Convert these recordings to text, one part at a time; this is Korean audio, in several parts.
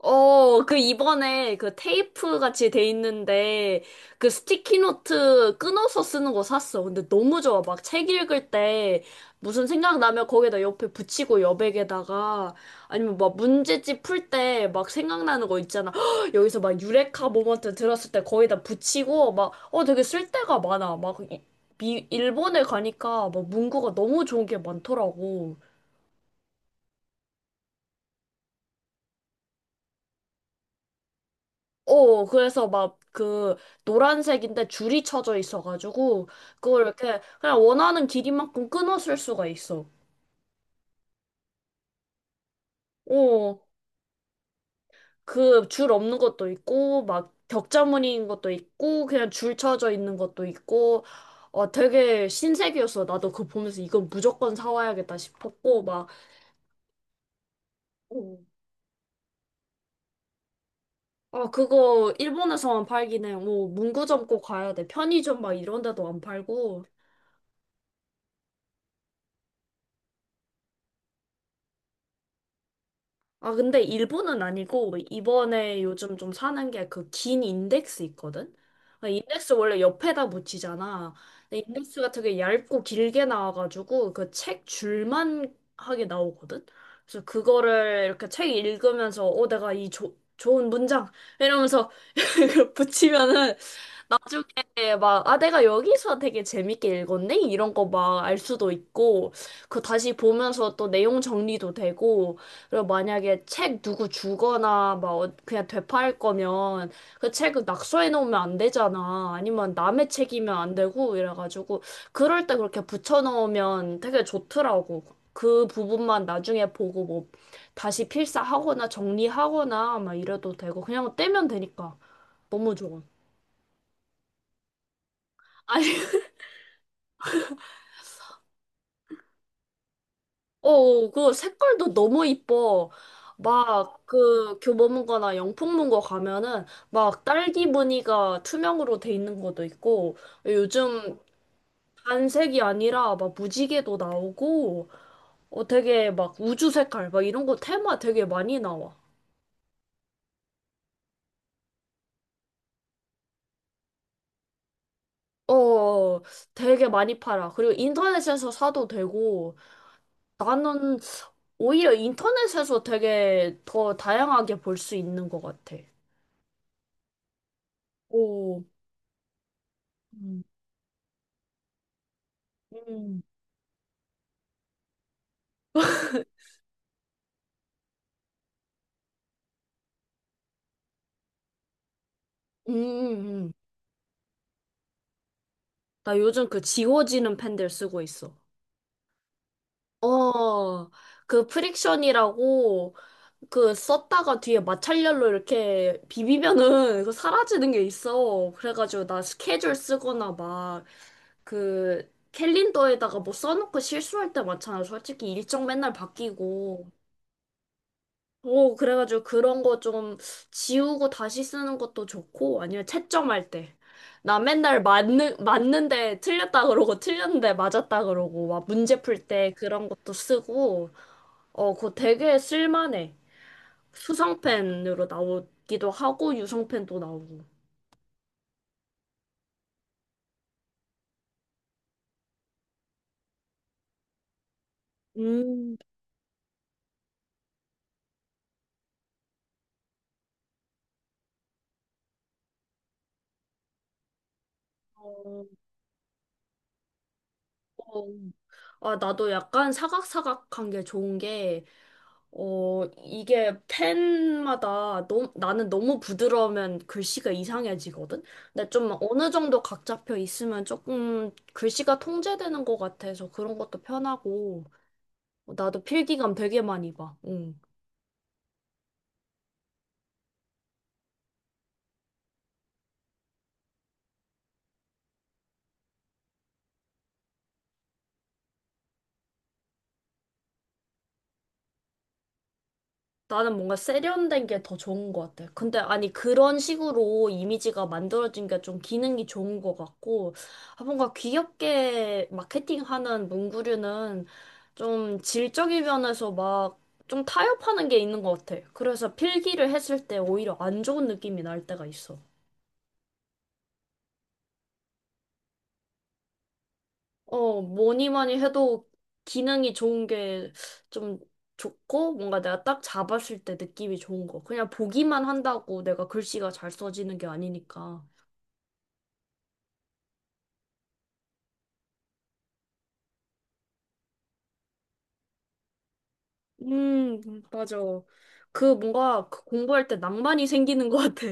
어, 그 이번에 그 테이프 같이 돼 있는데 그 스티키노트 끊어서 쓰는 거 샀어. 근데 너무 좋아. 막 책 읽을 때 무슨 생각 나면 거기다 옆에 붙이고 여백에다가 아니면 막 문제집 풀 때 막 생각나는 거 있잖아. 헉, 여기서 막 유레카 모먼트 들었을 때 거기다 붙이고 막 되게 쓸데가 많아. 막 일본에 가니까 막 문구가 너무 좋은 게 많더라고. 어, 그래서 막 그 노란색인데 줄이 쳐져 있어가지고 그걸 이렇게 그냥 원하는 길이만큼 끊어 쓸 수가 있어. 어, 그 줄 없는 것도 있고 막 격자무늬인 것도 있고 그냥 줄 쳐져 있는 것도 있고 어, 되게 신세계였어. 나도 그거 보면서 이건 무조건 사와야겠다 싶었고 막 어, 아, 그거 일본에서만 팔긴 해. 뭐 문구점 꼭 가야 돼. 편의점 막 이런 데도 안 팔고. 아, 근데 일본은 아니고, 이번에 요즘 좀 사는 게 그 긴 인덱스 있거든? 아, 인덱스 원래 옆에다 붙이잖아. 근데 인덱스가 되게 얇고 길게 나와가지고, 그 책 줄만 하게 나오거든? 그래서 그거를 이렇게 책 읽으면서, 내가 이 좋은 문장! 이러면서 붙이면은, 나중에 막, 아, 내가 여기서 되게 재밌게 읽었네? 이런 거 막 알 수도 있고, 그 다시 보면서 또 내용 정리도 되고, 그리고 만약에 책 누구 주거나 막 그냥 되팔 거면 그 책을 낙서해 놓으면 안 되잖아. 아니면 남의 책이면 안 되고 이래가지고 그럴 때 그렇게 붙여 넣으면 되게 좋더라고. 그 부분만 나중에 보고 뭐 다시 필사하거나 정리하거나 막 이래도 되고 그냥 떼면 되니까 너무 좋아. 어, 그 색깔도 너무 이뻐. 막 그 교보문고나 영풍문고 가면은 막 딸기 무늬가 투명으로 돼 있는 것도 있고 요즘 단색이 아니라 막 무지개도 나오고 되게 막 우주 색깔 막 이런 거 테마 되게 많이 나와. 어, 어, 되게 많이 팔아. 그리고 인터넷에서 사도 되고 나는 오히려 인터넷에서 되게 더 다양하게 볼 수 있는 것 같아. 오. 음. 음. 음. 나 요즘 그 지워지는 펜들 쓰고 있어. 어, 그 프릭션이라고 그 썼다가 뒤에 마찰열로 이렇게 비비면은 그 사라지는 게 있어. 그래가지고 나 스케줄 쓰거나 막 그 캘린더에다가 뭐 써놓고 실수할 때 많잖아. 솔직히 일정 맨날 바뀌고. 오, 그래가지고 그런 거 좀 지우고 다시 쓰는 것도 좋고, 아니면 채점할 때. 나 맨날 맞는데 틀렸다 그러고, 틀렸는데 맞았다 그러고, 막 문제 풀 때 그런 것도 쓰고, 어, 그거 되게 쓸만해. 수성펜으로 나오기도 하고, 유성펜도 나오고. 음, 어, 어, 아, 나도 약간 사각사각한 게 좋은 게, 어, 이게 펜마다 너무, 나는 너무 부드러우면 글씨가 이상해지거든? 근데 좀 어느 정도 각 잡혀 있으면 조금 글씨가 통제되는 것 같아서 그런 것도 편하고, 어, 나도 필기감 되게 많이 봐. 응. 나는 뭔가 세련된 게 더 좋은 것 같아. 근데 아니 그런 식으로 이미지가 만들어진 게 좀 기능이 좋은 것 같고 아, 뭔가 귀엽게 마케팅하는 문구류는 좀 질적인 면에서 막 좀 타협하는 게 있는 것 같아. 그래서 필기를 했을 때 오히려 안 좋은 느낌이 날 때가 있어. 어, 뭐니 뭐니 해도 기능이 좋은 게 좀 좋고, 뭔가 내가 딱 잡았을 때 느낌이 좋은 거. 그냥 보기만 한다고 내가 글씨가 잘 써지는 게 아니니까. 음, 맞아. 그 뭔가 그 공부할 때 낭만이 생기는 것 같아.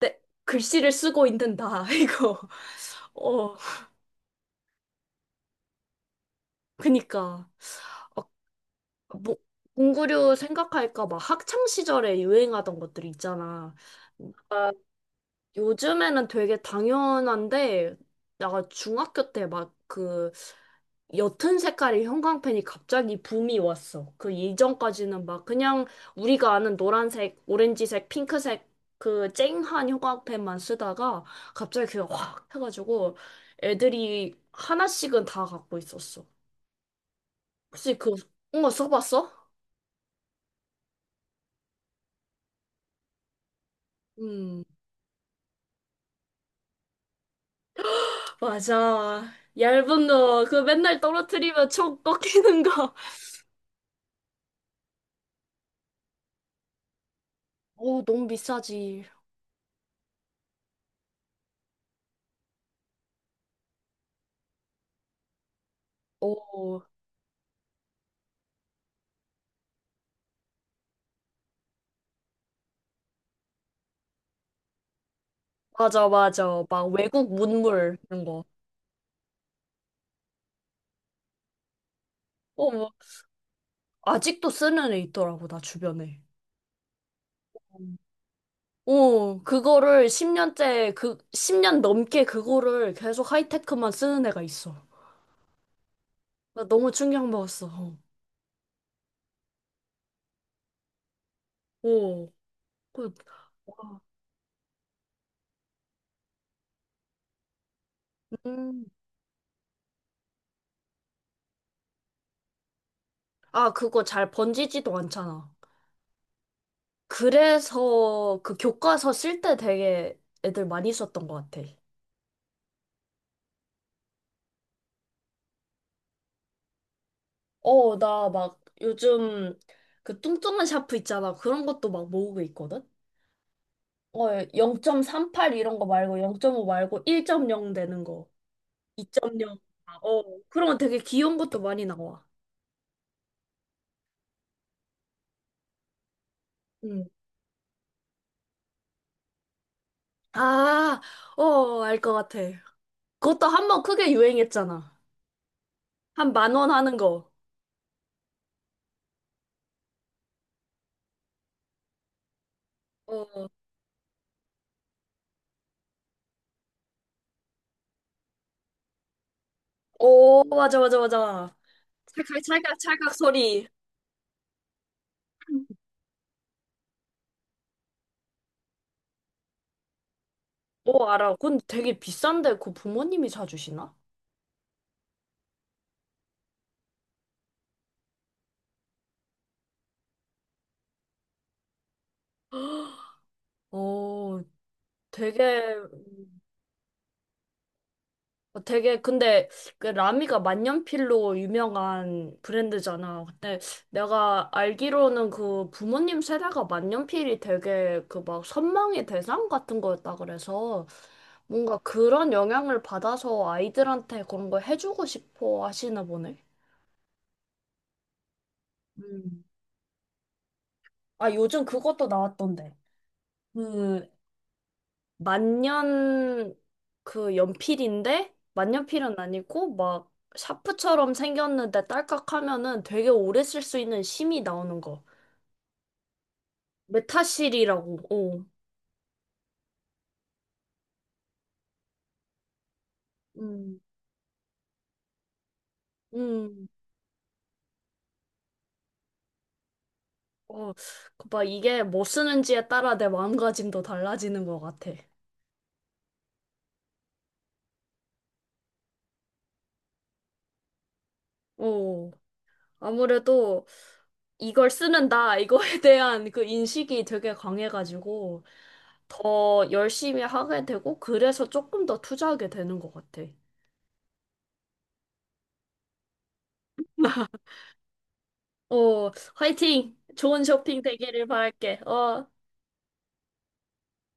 내 글씨를 쓰고 있는 나, 이거. 어, 그니까. 어, 뭐, 공구류 생각할까 막 학창 시절에 유행하던 것들 있잖아. 요즘에는 되게 당연한데, 내가 중학교 때 막 그 옅은 색깔의 형광펜이 갑자기 붐이 왔어. 그 이전까지는 막 그냥 우리가 아는 노란색, 오렌지색, 핑크색 그 쨍한 형광펜만 쓰다가 갑자기 그게 확 해가지고 애들이 하나씩은 다 갖고 있었어. 혹시 그, 응, 써봤어? 음, 맞아. 얇은 거, 그 맨날 떨어뜨리면 총 꺾이는 거. 오, 너무 비싸지. 오, 맞아, 맞아. 막 외국 문물 이런 거. 어, 뭐, 아직도 쓰는 애 있더라고, 나 주변에. 어, 그거를 10년째, 그, 10년 넘게 그거를 계속 하이테크만 쓰는 애가 있어. 나 너무 충격 먹었어. 어, 어, 그, 와, 음. 아, 그거 잘 번지지도 않잖아. 그래서 그 교과서 쓸 때 되게 애들 많이 썼던 것 같아. 어, 나 막 요즘 그 뚱뚱한 샤프 있잖아. 그런 것도 막 모으고 있거든? 어, 0.38 이런 거 말고 0.5 말고 1.0 되는 거. 2.0. 아, 어, 그런 거 되게 귀여운 것도 많이 나와. 응. 아, 어, 알 것 같아. 그것도 한 번 크게 유행했잖아. 한 10,000원 하는 거. 어, 오, 맞아, 맞아, 맞아. 찰칵, 찰칵, 찰칵 소리. 오, 알아. 그건 되게 비싼데, 그 부모님이 사주시나? 어, 되게 어, 되게 근데 그 라미가 만년필로 유명한 브랜드잖아. 근데 내가 알기로는 그 부모님 세대가 만년필이 되게 그 막 선망의 대상 같은 거였다 그래서 뭔가 그런 영향을 받아서 아이들한테 그런 걸 해주고 싶어 하시나 보네. 음. 아, 요즘 그것도 나왔던데. 그 만년 그 연필인데 만년필은 아니고 막 샤프처럼 생겼는데 딸깍 하면은 되게 오래 쓸 수 있는 심이 나오는 거. 메타실이라고. 어. 음. 음. 어. 그 막 이게 뭐 쓰는지에 따라 내 마음가짐도 달라지는 것 같아. 어. 아무래도 이걸 쓰는다, 이거에 대한 그 인식이 되게 강해가지고 더 열심히 하게 되고 그래서 조금 더 투자하게 되는 것 같아. 어, 화이팅! 좋은 쇼핑 되기를 바랄게. 어,